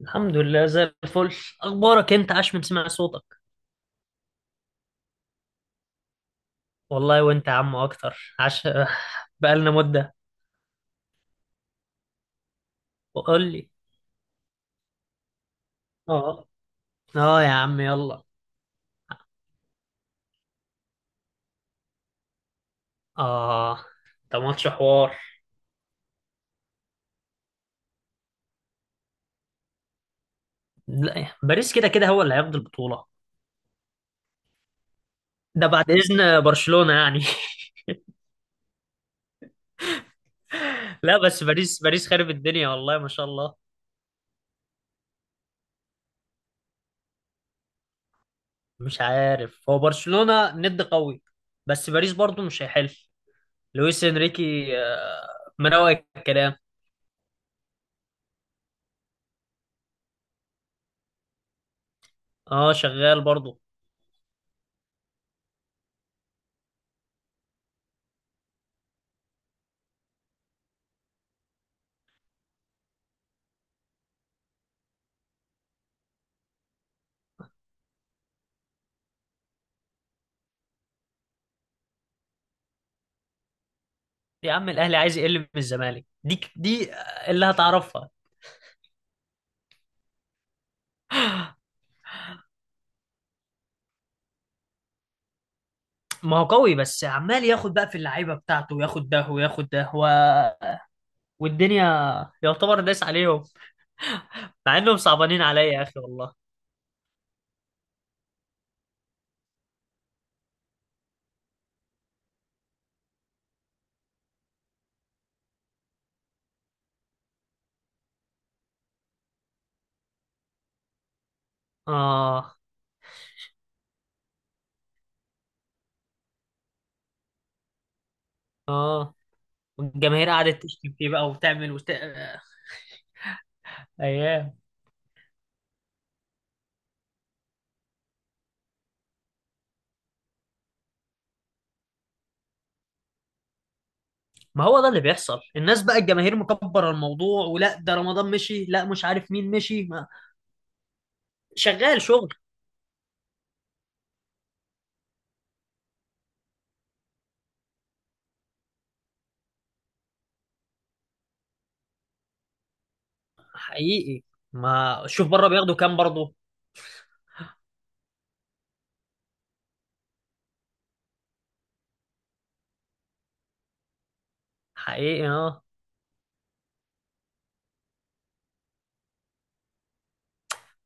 الحمد لله زي الفل. اخبارك إيه؟ انت عاش من سمع صوتك. والله وانت يا عم اكتر عاش. بقالنا مدة. وقول لي. اه. اه يا عم يلا. اه، ده ماتش حوار. لا، باريس كده كده هو اللي هياخد البطولة. ده بعد اذن برشلونة يعني. لا، بس باريس باريس خارب الدنيا، والله ما شاء الله. مش عارف، هو برشلونة ند قوي، بس باريس برضو مش هيحل. لويس انريكي مروق الكلام. اه، شغال برضو. يا عم الاهلي عايز يقل من الزمالك دي اللي هتعرفها. ما هو قوي، بس عمال ياخد بقى في اللعيبه بتاعته وياخد ده وياخد ده و... والدنيا، يعتبر داس عليهم، مع انهم صعبانين عليا يا اخي والله. اه اه، والجماهير قعدت تشتم فيه بقى وتعمل وت... آه، ايام. ما هو ده اللي بيحصل، الناس بقى الجماهير مكبره الموضوع، ولا ده رمضان مشي، لا مش عارف مين مشي ما... شغال شغل. حقيقي. ما شوف بره بياخدوا كام برضه. حقيقي، اه،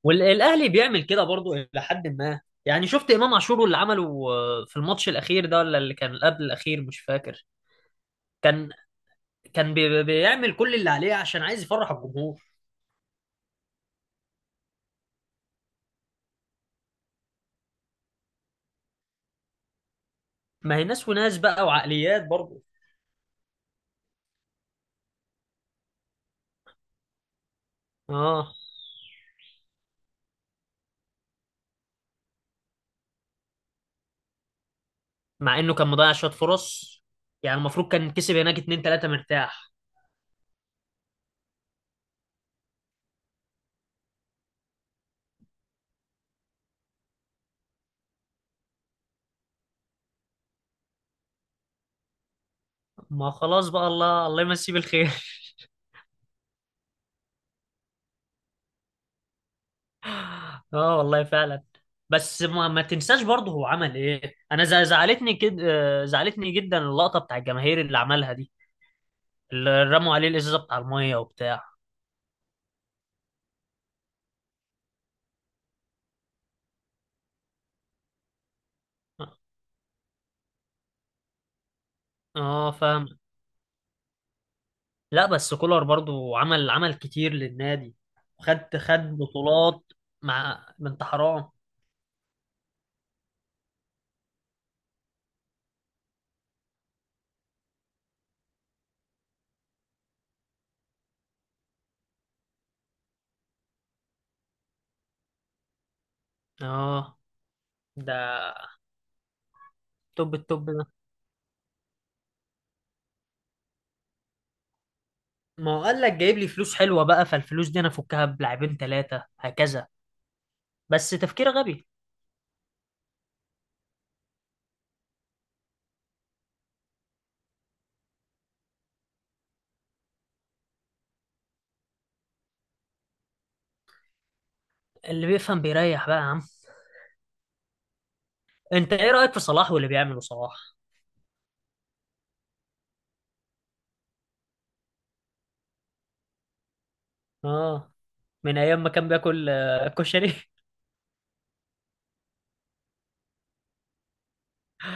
والاهلي بيعمل كده برضو الى حد ما، يعني شفت امام عاشور اللي عمله، في الماتش الاخير ده ولا اللي كان قبل الاخير مش فاكر. كان بيعمل كل اللي عليه عشان عايز يفرح الجمهور. ما هي ناس وناس بقى وعقليات برضو. اه، مع انه كان مضيع شويه فرص، يعني المفروض كان كسب هناك 2 3 مرتاح. ما خلاص بقى، الله الله يمسيه بالخير. اه والله فعلا. بس ما تنساش برضه هو عمل ايه، انا زعلتني كده، زعلتني جدا اللقطه بتاع الجماهير اللي عملها دي، اللي رموا عليه الازازه بتاع الميه وبتاع. اه فاهم. لا بس كولر برضو عمل عمل كتير للنادي، خد خد بطولات، مع بنت حرام. اه ده توب التوب ده. ما هو قال لك جايب لي فلوس حلوه بقى، فالفلوس دي انا افكها بلاعبين 3 هكذا، بس تفكير غبي. اللي بيفهم بيريح بقى يا عم. انت ايه رايك في صلاح واللي بيعمله صلاح؟ اه، من ايام ما كان بياكل كشري.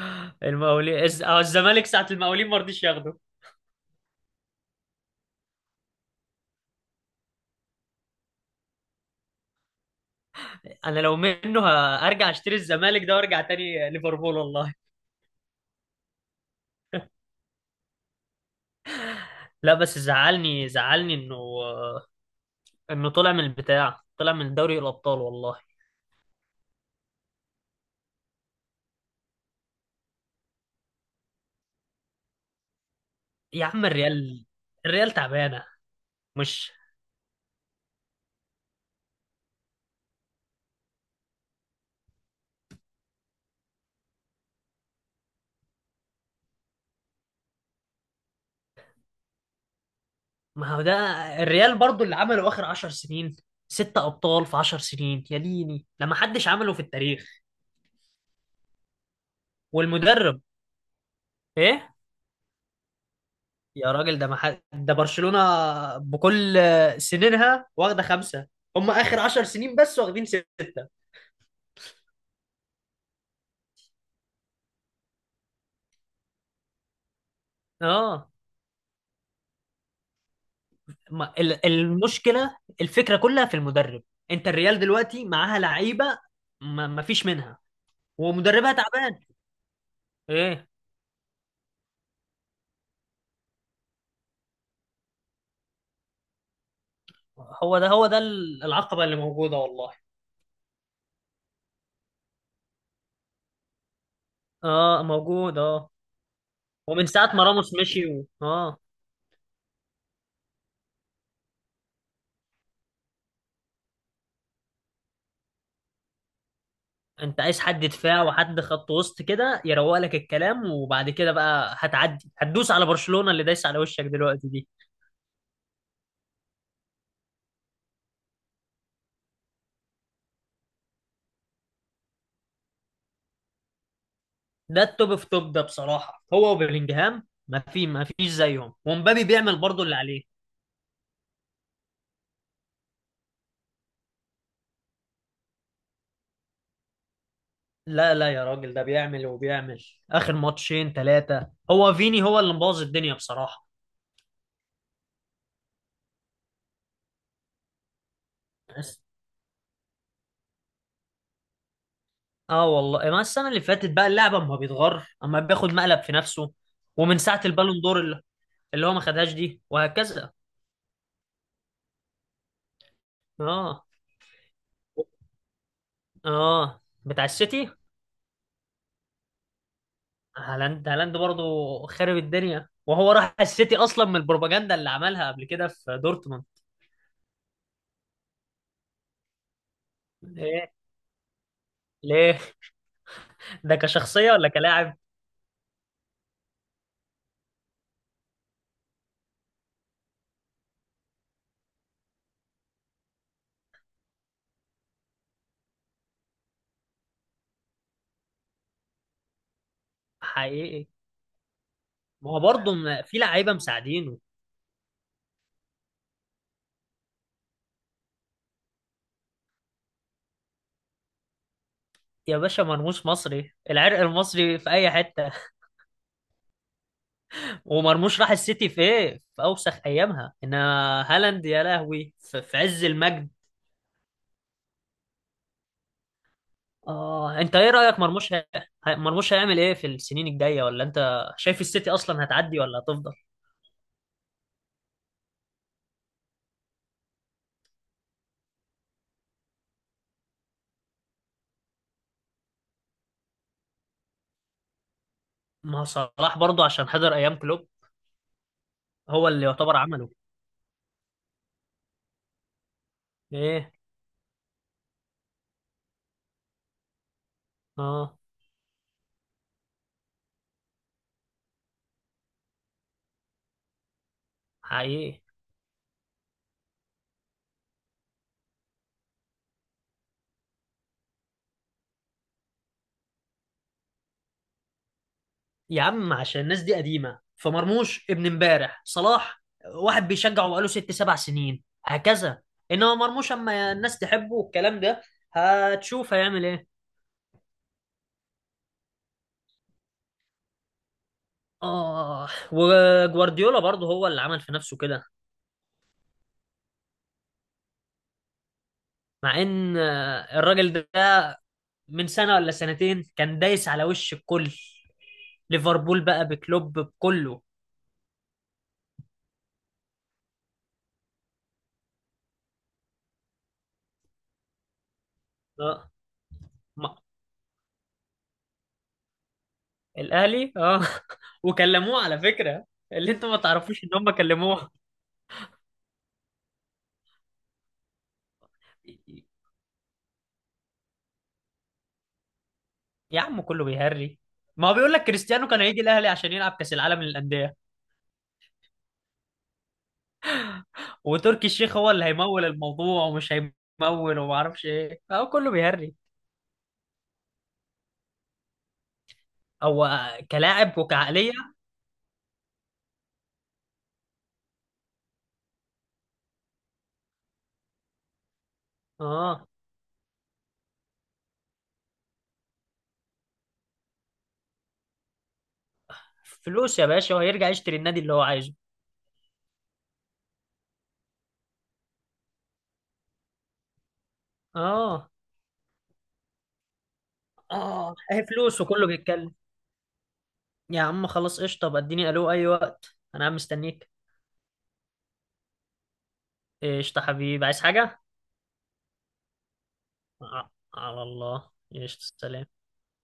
المقاولين الزمالك ساعه المقاولين ما رضيش ياخده. انا لو منه هرجع اشتري الزمالك ده وارجع تاني ليفربول والله. لا بس زعلني انه طلع من البتاع، طلع من دوري الابطال والله. يا عم الريال تعبانه. مش. ما هو ده، الريال برضو اللي عمله اخر 10 سنين، 6 ابطال في 10 سنين يا ديني، ده ما حدش عمله في التاريخ. والمدرب ايه؟ يا راجل ده، ما حد، ده برشلونة بكل سنينها واخده 5، هم اخر 10 سنين بس واخدين 6. اه، ما ال- المشكله الفكره كلها في المدرب. انت الريال دلوقتي معاها لعيبه، ما فيش منها، ومدربها تعبان. ايه. هو ده العقبه اللي موجوده والله. اه موجود اه. ومن ساعه ما راموس مشي، و... اه. انت عايز حد دفاع وحد خط وسط كده، يروق لك الكلام، وبعد كده بقى هتعدي، هتدوس على برشلونه اللي دايس على وشك دلوقتي دي. ده التوب في توب ده بصراحه، هو وبيلينجهام ما فيش زيهم، ومبابي بيعمل برضه اللي عليه. لا لا يا راجل، ده بيعمل وبيعمل، اخر ماتشين ثلاثه هو فيني هو اللي مبوظ الدنيا بصراحه. بس اه والله، ما السنه اللي فاتت بقى اللعبه، اما بيتغر اما بياخد مقلب في نفسه. ومن ساعه البالون دور، اللي هو ما خدهاش دي وهكذا. اه اه بتاع السيتي. هالاند هالاند برضه خارب الدنيا، وهو راح السيتي اصلا من البروباجندا اللي عملها قبل كده في دورتموند. ليه ليه، ده كشخصيه ولا كلاعب؟ حقيقي. ما هو برضه في لعيبه مساعدين. يا باشا مرموش مصري، العرق المصري في اي حته. ومرموش راح السيتي في ايه، في اوسخ ايامها، انما هالاند يا لهوي في عز المجد. اه انت ايه رايك مرموش مرموش هيعمل ايه في السنين الجايه، ولا انت شايف السيتي اصلا هتعدي ولا هتفضل؟ ما هو صلاح برضه عشان حضر ايام كلوب، هو اللي يعتبر عمله. ايه. اه. حقيقي. يا عم عشان الناس دي قديمة، فمرموش ابن امبارح، صلاح واحد بيشجعه بقاله 6 7 سنين هكذا، انما مرموش اما الناس تحبه والكلام ده، هتشوف هيعمل ايه. اه وجوارديولا برضه هو اللي عمل في نفسه كده. مع ان الراجل ده من سنة ولا سنتين كان دايس على وش الكل، ليفربول بقى بكلوب بكله. اه ما- الاهلي اه وكلموه على فكرة، اللي انتوا ما تعرفوش ان هم كلموه. يا عم كله بيهري، ما هو بيقول لك كريستيانو كان هيجي الاهلي عشان يلعب كاس العالم للانديه، وتركي الشيخ هو اللي هيمول الموضوع ومش هيمول وما اعرفش ايه، هو كله بيهري. هو كلاعب وكعقليه. اه فلوس يا باشا، وهيرجع يشتري النادي اللي هو عايزه. اه اه هي فلوس وكله بيتكلم. يا عم خلاص قشطه، طب اديني الو اي وقت، انا عم مستنيك. قشطه حبيبي، عايز حاجه؟ ع- على الله. قشطه سلام.